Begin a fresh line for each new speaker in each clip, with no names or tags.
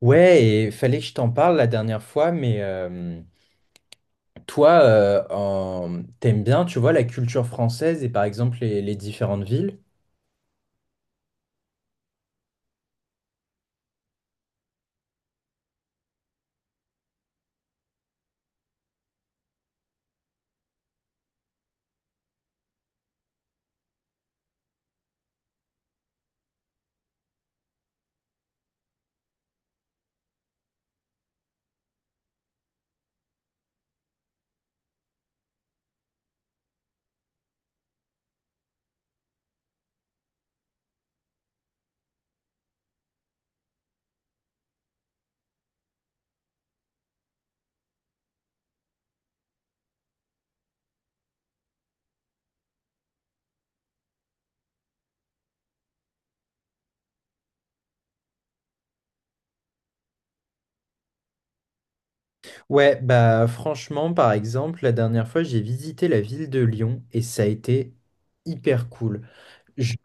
Ouais, et fallait que je t'en parle la dernière fois, toi, t'aimes bien, tu vois, la culture française et par exemple les différentes villes? Ouais, bah franchement, par exemple, la dernière fois, j'ai visité la ville de Lyon et ça a été hyper cool. Je-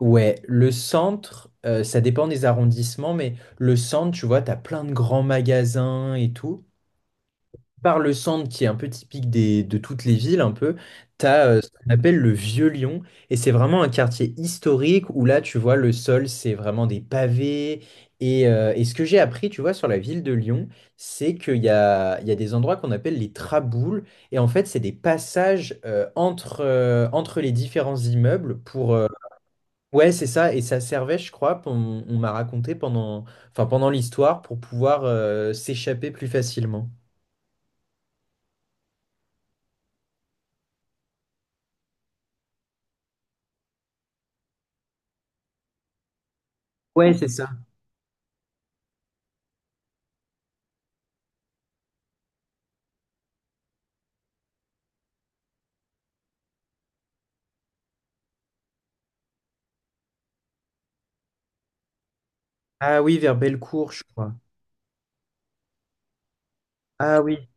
Ouais, le centre, ça dépend des arrondissements, mais le centre, tu vois, t'as plein de grands magasins et tout. Par le centre qui est un peu typique de toutes les villes un peu, t'as ce qu'on appelle le Vieux Lyon, et c'est vraiment un quartier historique où là tu vois le sol c'est vraiment des pavés, et ce que j'ai appris tu vois sur la ville de Lyon, c'est qu'il y a des endroits qu'on appelle les traboules, et en fait c'est des passages entre les différents immeubles pour ouais, c'est ça. Et ça servait, je crois on m'a raconté pendant, enfin pendant l'histoire, pour pouvoir s'échapper plus facilement. Ouais, c'est ça. Ah oui, vers Bellecour, je crois. Ah oui,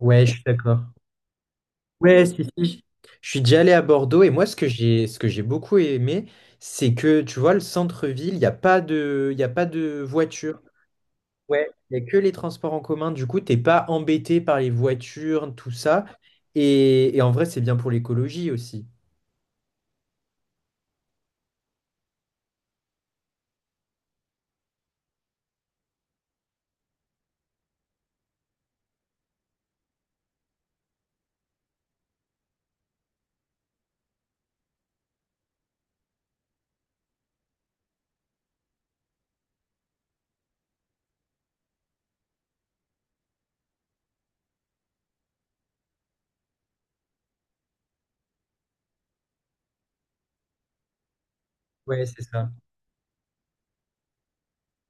ouais, je suis d'accord. Ouais, si, si. Je suis déjà allé à Bordeaux, et moi, ce que ce que j'ai beaucoup aimé, c'est que, tu vois, le centre-ville, il n'y a pas de, il y a pas de voiture. Ouais, il n'y a que les transports en commun. Du coup, t'es pas embêté par les voitures, tout ça. Et en vrai, c'est bien pour l'écologie aussi. Ouais, c'est ça.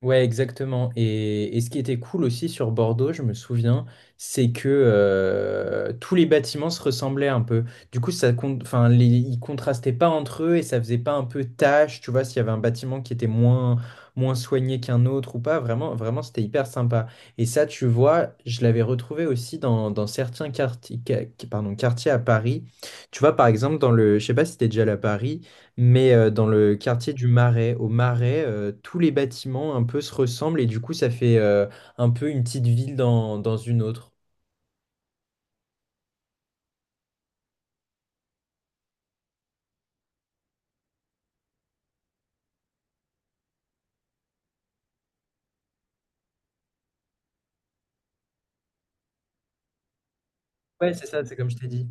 Ouais, exactement. Et ce qui était cool aussi sur Bordeaux, je me souviens, c'est que tous les bâtiments se ressemblaient un peu. Du coup, ça, enfin, ils contrastaient pas entre eux et ça faisait pas un peu tâche, tu vois, s'il y avait un bâtiment qui était moins, moins soigné qu'un autre ou pas. Vraiment, vraiment, c'était hyper sympa. Et ça, tu vois, je l'avais retrouvé aussi dans certains quartiers, pardon, quartiers à Paris. Tu vois, par exemple, dans le, je sais pas si t'es déjà allé à Paris. Dans le quartier du Marais, au Marais, tous les bâtiments un peu se ressemblent et du coup, ça fait un peu une petite ville dans une autre. Ouais, c'est ça, c'est comme je t'ai dit.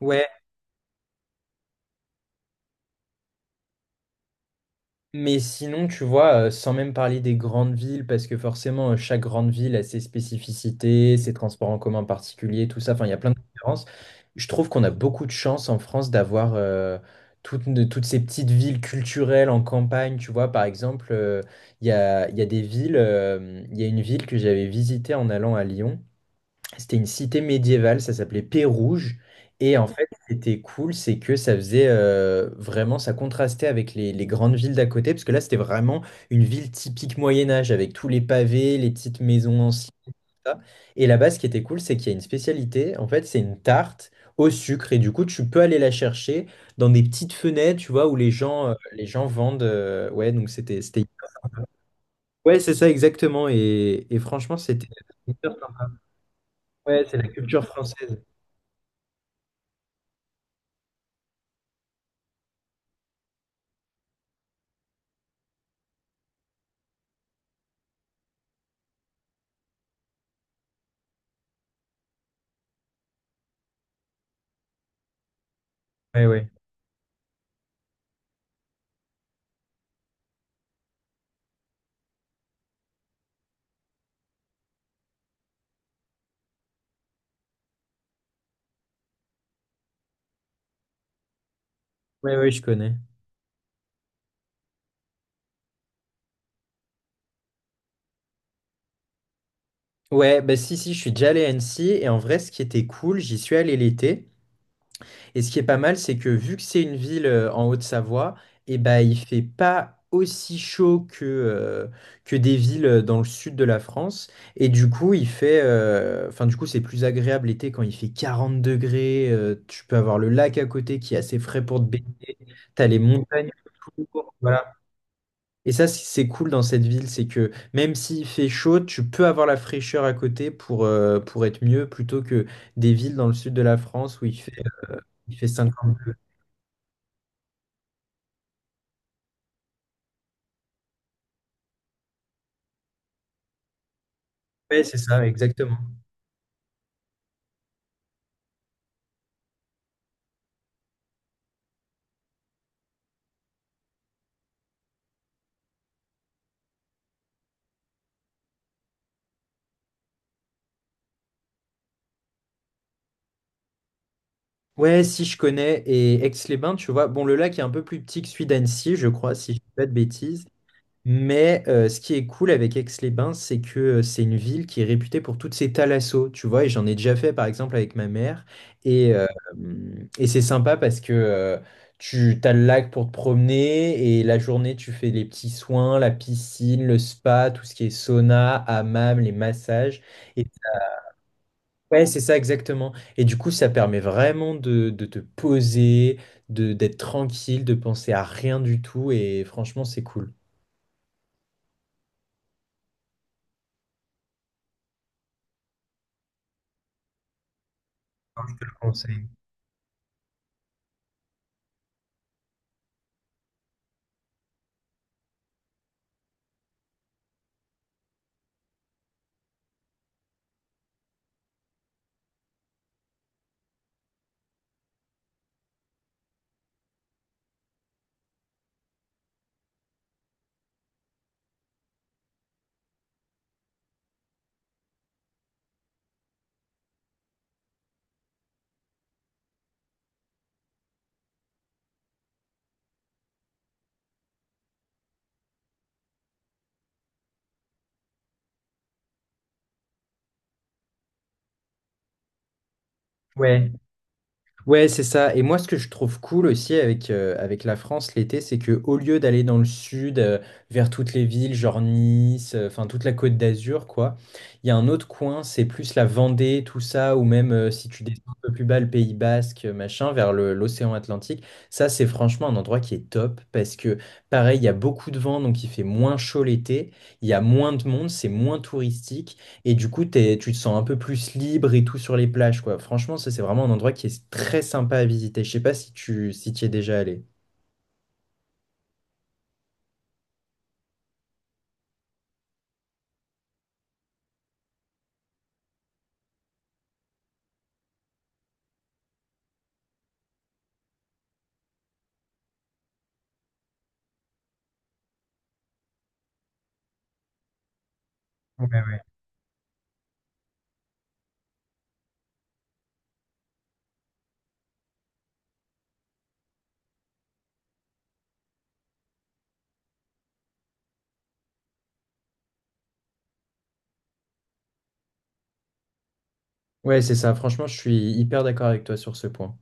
Ouais, mais sinon, tu vois, sans même parler des grandes villes, parce que forcément, chaque grande ville a ses spécificités, ses transports en commun particuliers, tout ça, enfin, il y a plein de différences. Je trouve qu'on a beaucoup de chance en France d'avoir toutes ces petites villes culturelles en campagne, tu vois, par exemple, il y a des villes, il y a une ville que j'avais visitée en allant à Lyon. C'était une cité médiévale, ça s'appelait Pérouge. Et en fait, c'était cool, c'est que ça faisait vraiment, ça contrastait avec les grandes villes d'à côté, parce que là, c'était vraiment une ville typique Moyen-Âge, avec tous les pavés, les petites maisons anciennes, tout ça. Et là-bas, ce qui était cool, c'est qu'il y a une spécialité, en fait, c'est une tarte au sucre. Et du coup, tu peux aller la chercher dans des petites fenêtres, tu vois, où les gens vendent. Ouais, donc c'était, c'était... Ouais, c'est ça, exactement. Et franchement, c'était... Ouais, c'est la culture française. Ouais, ouais. Ouais, ouais, je connais. Ouais, bah si, si, je suis déjà allé à Annecy et en vrai, ce qui était cool, j'y suis allé l'été. Et ce qui est pas mal, c'est que vu que c'est une ville en Haute-Savoie, et bah il fait pas aussi chaud que des villes dans le sud de la France. Et du coup, il fait. Enfin, du coup, c'est plus agréable l'été quand il fait 40 degrés. Tu peux avoir le lac à côté qui est assez frais pour te baigner. T'as les montagnes autour, voilà. Et ça, c'est cool dans cette ville, c'est que même s'il fait chaud, tu peux avoir la fraîcheur à côté pour être mieux plutôt que des villes dans le sud de la France où il fait 50 degrés. Ouais, c'est ça, exactement. Ouais, si je connais. Et Aix-les-Bains, tu vois. Bon, le lac est un peu plus petit que celui d'Annecy, je crois, si je dis pas de bêtises. Ce qui est cool avec Aix-les-Bains, c'est que c'est une ville qui est réputée pour toutes ses thalassos, tu vois, et j'en ai déjà fait par exemple avec ma mère, et, euh, et c'est sympa parce que tu as le lac pour te promener, et la journée tu fais les petits soins, la piscine, le spa, tout ce qui est sauna, hammam, les massages, et ouais, c'est ça exactement, et du coup ça permet vraiment de te poser, d'être tranquille, de penser à rien du tout, et franchement c'est cool. Je te le conseille. Ouais. Ouais, c'est ça. Et moi, ce que je trouve cool aussi avec la France l'été, c'est que au lieu d'aller dans le sud, vers toutes les villes, genre Nice, enfin toute la Côte d'Azur, quoi, il y a un autre coin, c'est plus la Vendée, tout ça, ou même si tu descends un peu plus bas, le Pays Basque, machin, vers l'océan Atlantique. Ça, c'est franchement un endroit qui est top parce que, pareil, il y a beaucoup de vent, donc il fait moins chaud l'été, il y a moins de monde, c'est moins touristique. Et du coup, tu te sens un peu plus libre et tout sur les plages, quoi. Franchement, ça, c'est vraiment un endroit qui est très sympa à visiter. Je sais pas si tu si t'y es déjà allé. Ouais, ouais. Ouais, c'est ça. Franchement, je suis hyper d'accord avec toi sur ce point.